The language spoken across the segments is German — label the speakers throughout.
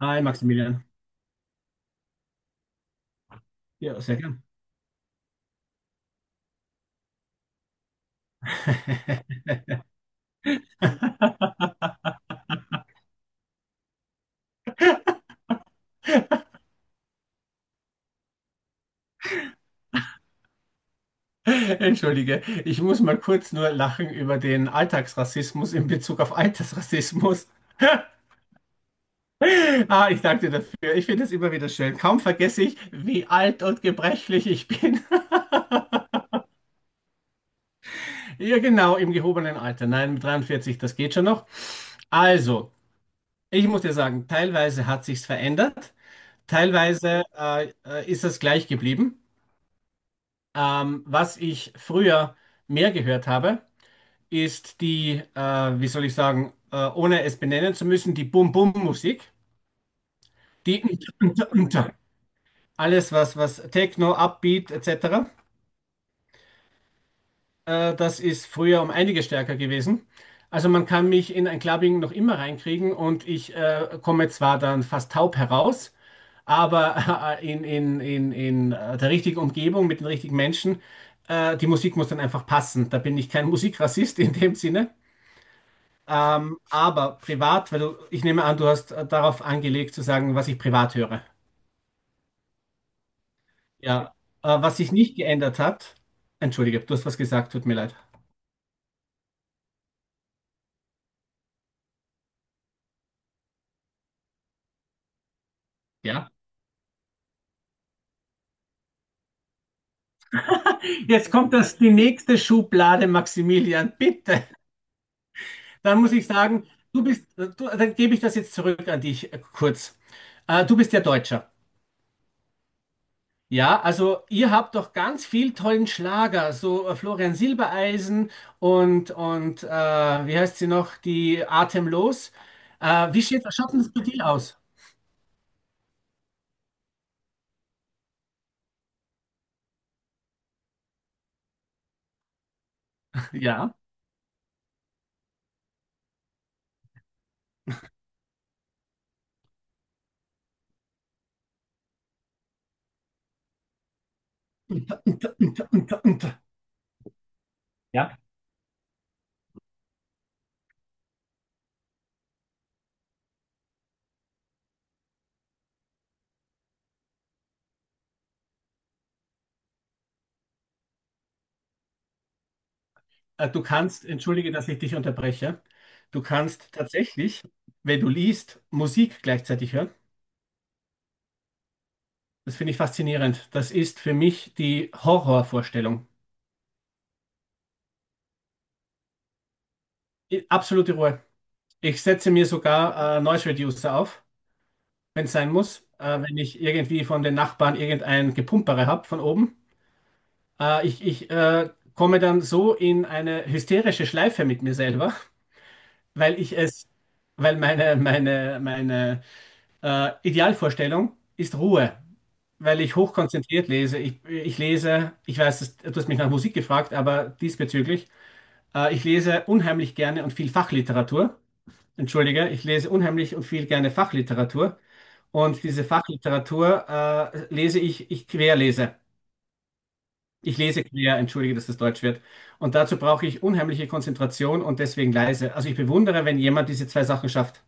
Speaker 1: Hi Maximilian. Ja, sehr gern. Entschuldige, ich muss mal kurz nur lachen über den Alltagsrassismus in Bezug auf Altersrassismus. Ah, ich danke dir dafür. Ich finde es immer wieder schön. Kaum vergesse ich, wie alt und gebrechlich ich bin. Ja, genau, im gehobenen Alter. Nein, mit 43, das geht schon noch. Also, ich muss dir sagen, teilweise hat sich's verändert, teilweise ist es gleich geblieben. Was ich früher mehr gehört habe, ist die, wie soll ich sagen, ohne es benennen zu müssen, die Bum-Bum-Musik. Die alles, was Techno, Upbeat etc., das ist früher um einige stärker gewesen. Also man kann mich in ein Clubbing noch immer reinkriegen und ich komme zwar dann fast taub heraus, aber in der richtigen Umgebung mit den richtigen Menschen, die Musik muss dann einfach passen. Da bin ich kein Musikrassist in dem Sinne. Aber privat, weil du, ich nehme an, du hast darauf angelegt zu sagen, was ich privat höre. Ja. Was sich nicht geändert hat, entschuldige, du hast was gesagt, tut mir leid. Ja. Jetzt kommt das, die nächste Schublade, Maximilian, bitte. Dann muss ich sagen, du bist, dann gebe ich das jetzt zurück an dich kurz. Du bist ja Deutscher. Ja, also ihr habt doch ganz viel tollen Schlager, so Florian Silbereisen und, wie heißt sie noch, die Atemlos. Schaut denn das bei dir aus? Ja. Und, und, und, und. Ja, du kannst, entschuldige, dass ich dich unterbreche, du kannst tatsächlich, wenn du liest, Musik gleichzeitig hören. Das finde ich faszinierend. Das ist für mich die Horrorvorstellung. Absolute Ruhe. Ich setze mir sogar Noise Reducer auf, wenn es sein muss, wenn ich irgendwie von den Nachbarn irgendein Gepumpere habe von oben. Ich komme dann so in eine hysterische Schleife mit mir selber, weil ich es, weil meine Idealvorstellung ist Ruhe, weil ich hochkonzentriert lese. Ich lese, ich weiß, du hast mich nach Musik gefragt, aber diesbezüglich, ich lese unheimlich gerne und viel Fachliteratur, entschuldige, ich lese unheimlich und viel gerne Fachliteratur. Und diese Fachliteratur ich querlese. Ich lese quer, entschuldige, dass das Deutsch wird. Und dazu brauche ich unheimliche Konzentration und deswegen leise. Also ich bewundere, wenn jemand diese zwei Sachen schafft,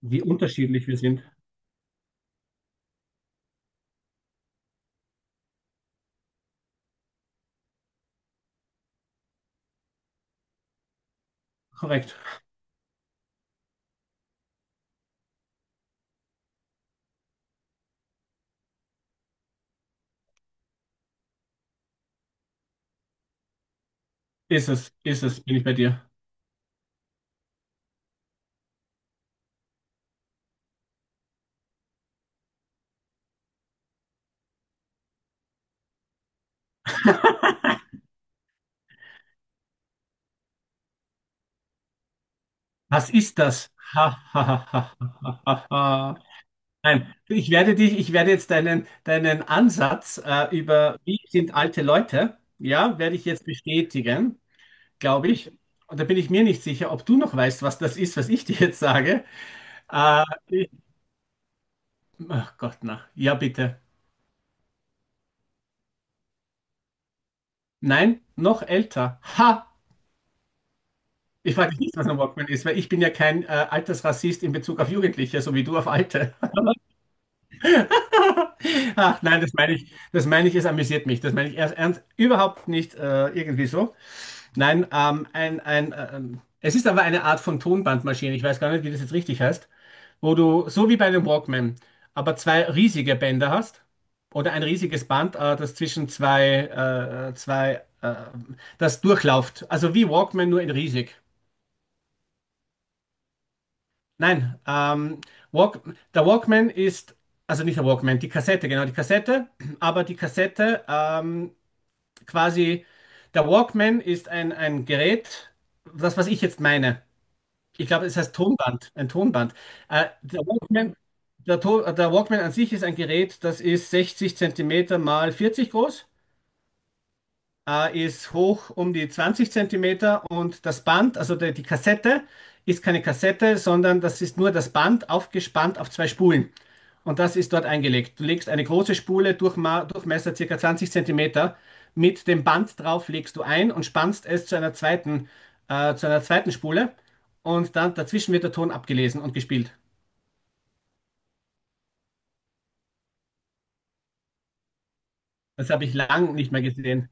Speaker 1: wie unterschiedlich wir sind. Korrekt. Bin ich bei dir. Was ist das? Ha, ha, ha, ha, ha, ha, ha. Nein, ich werde dich, ich werde jetzt deinen Ansatz über wie sind alte Leute, ja, werde ich jetzt bestätigen, glaube ich. Und da bin ich mir nicht sicher, ob du noch weißt, was das ist, was ich dir jetzt sage. Äh, ich, ach Gott, na. Ja, bitte. Nein, noch älter. Ha! Ich frage dich nicht, was ein Walkman ist, weil ich bin ja kein Altersrassist in Bezug auf Jugendliche, so wie du auf Alte. Ach nein, das meine ich, es amüsiert mich. Das meine ich erst ernst, überhaupt nicht irgendwie so. Nein, es ist aber eine Art von Tonbandmaschine. Ich weiß gar nicht, wie das jetzt richtig heißt, wo du so wie bei einem Walkman, aber zwei riesige Bänder hast, oder ein riesiges Band, das zwischen zwei, das durchläuft. Also wie Walkman, nur in riesig. Nein, Walk, der Walkman ist, also nicht der Walkman, die Kassette, genau, die Kassette, aber die Kassette quasi, der Walkman ist ein Gerät, das, was ich jetzt meine. Ich glaube, es heißt Tonband, ein Tonband. Äh, der Walkman der Walkman an sich ist ein Gerät, das ist 60 Zentimeter mal 40 groß, ist hoch um die 20 Zentimeter, und das Band, also die Kassette, ist keine Kassette, sondern das ist nur das Band aufgespannt auf zwei Spulen. Und das ist dort eingelegt. Du legst eine große Spule, Durchma Durchmesser ca. 20 Zentimeter, mit dem Band drauf legst du ein und spannst es zu einer zweiten, zu einer zweiten Spule, und dann dazwischen wird der Ton abgelesen und gespielt. Das habe ich lang nicht mehr gesehen.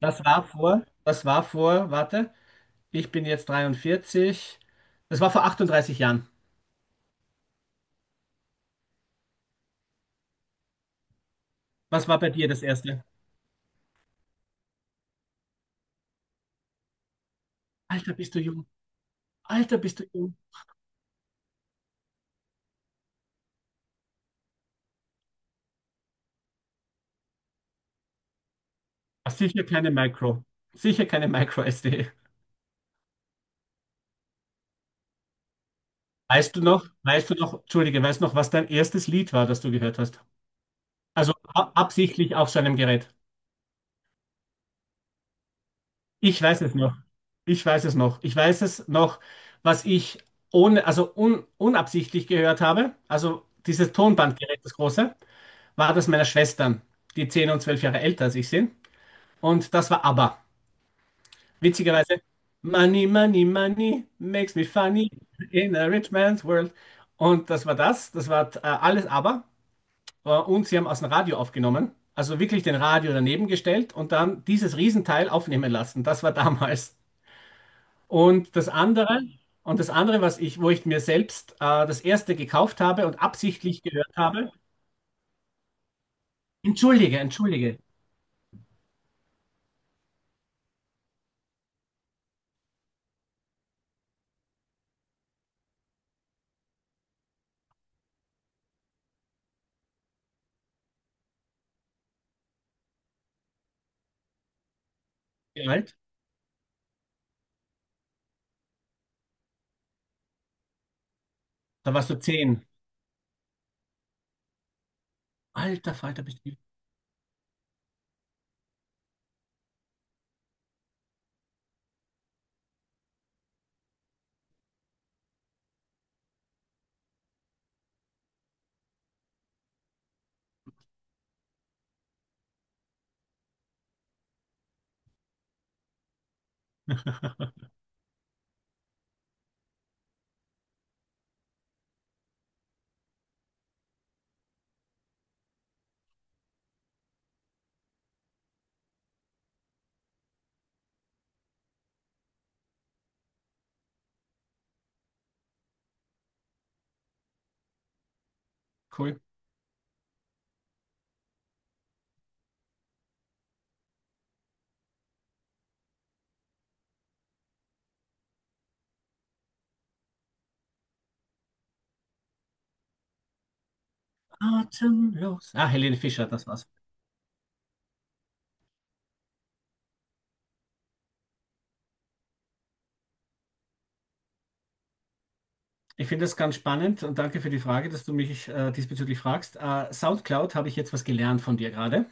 Speaker 1: Warte, ich bin jetzt 43. Das war vor 38 Jahren. Was war bei dir das erste? Alter, bist du jung. Alter, bist du jung. Ah, Sicher keine Micro. Sicher keine Micro-SD. Weißt du noch, was dein erstes Lied war, das du gehört hast? Also absichtlich auf so einem Gerät. Ich weiß es noch. Ich weiß es noch. Ich weiß es noch, was ich ohne, unabsichtlich gehört habe. Also dieses Tonbandgerät, das große, war das meiner Schwestern, die 10 und 12 Jahre älter als ich sind. Und das war ABBA. Witzigerweise, Money, Money, Money makes me funny in a rich man's world. Und das war das, das war alles ABBA. Und sie haben aus dem Radio aufgenommen, also wirklich den Radio daneben gestellt und dann dieses Riesenteil aufnehmen lassen. Das war damals. Und das andere, und das andere, was ich, wo ich mir selbst das erste gekauft habe und absichtlich gehört habe, entschuldige, entschuldige, wie alt? Da warst du zehn. Alter Falter, bist du cool. Atemlos. Ah, Helene Fischer, das war's. Ich finde das ganz spannend und danke für die Frage, dass du mich diesbezüglich fragst. SoundCloud habe ich jetzt was gelernt von dir gerade.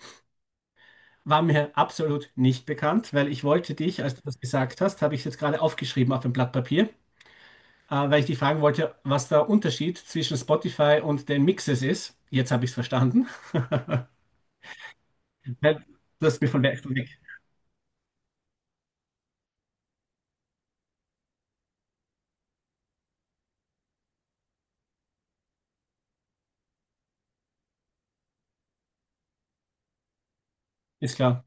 Speaker 1: War mir absolut nicht bekannt, weil ich wollte dich, als du das gesagt hast, habe ich jetzt gerade aufgeschrieben auf ein Blatt Papier, weil ich dich fragen wollte, was der Unterschied zwischen Spotify und den Mixes ist. Jetzt habe ich es verstanden. Weil du hast mir von weg. Ist klar.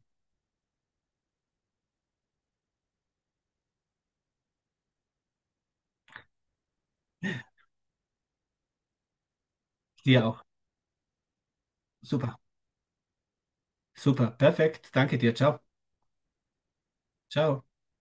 Speaker 1: Dir auch. Super. Super. Perfekt. Danke dir. Ciao. Ciao.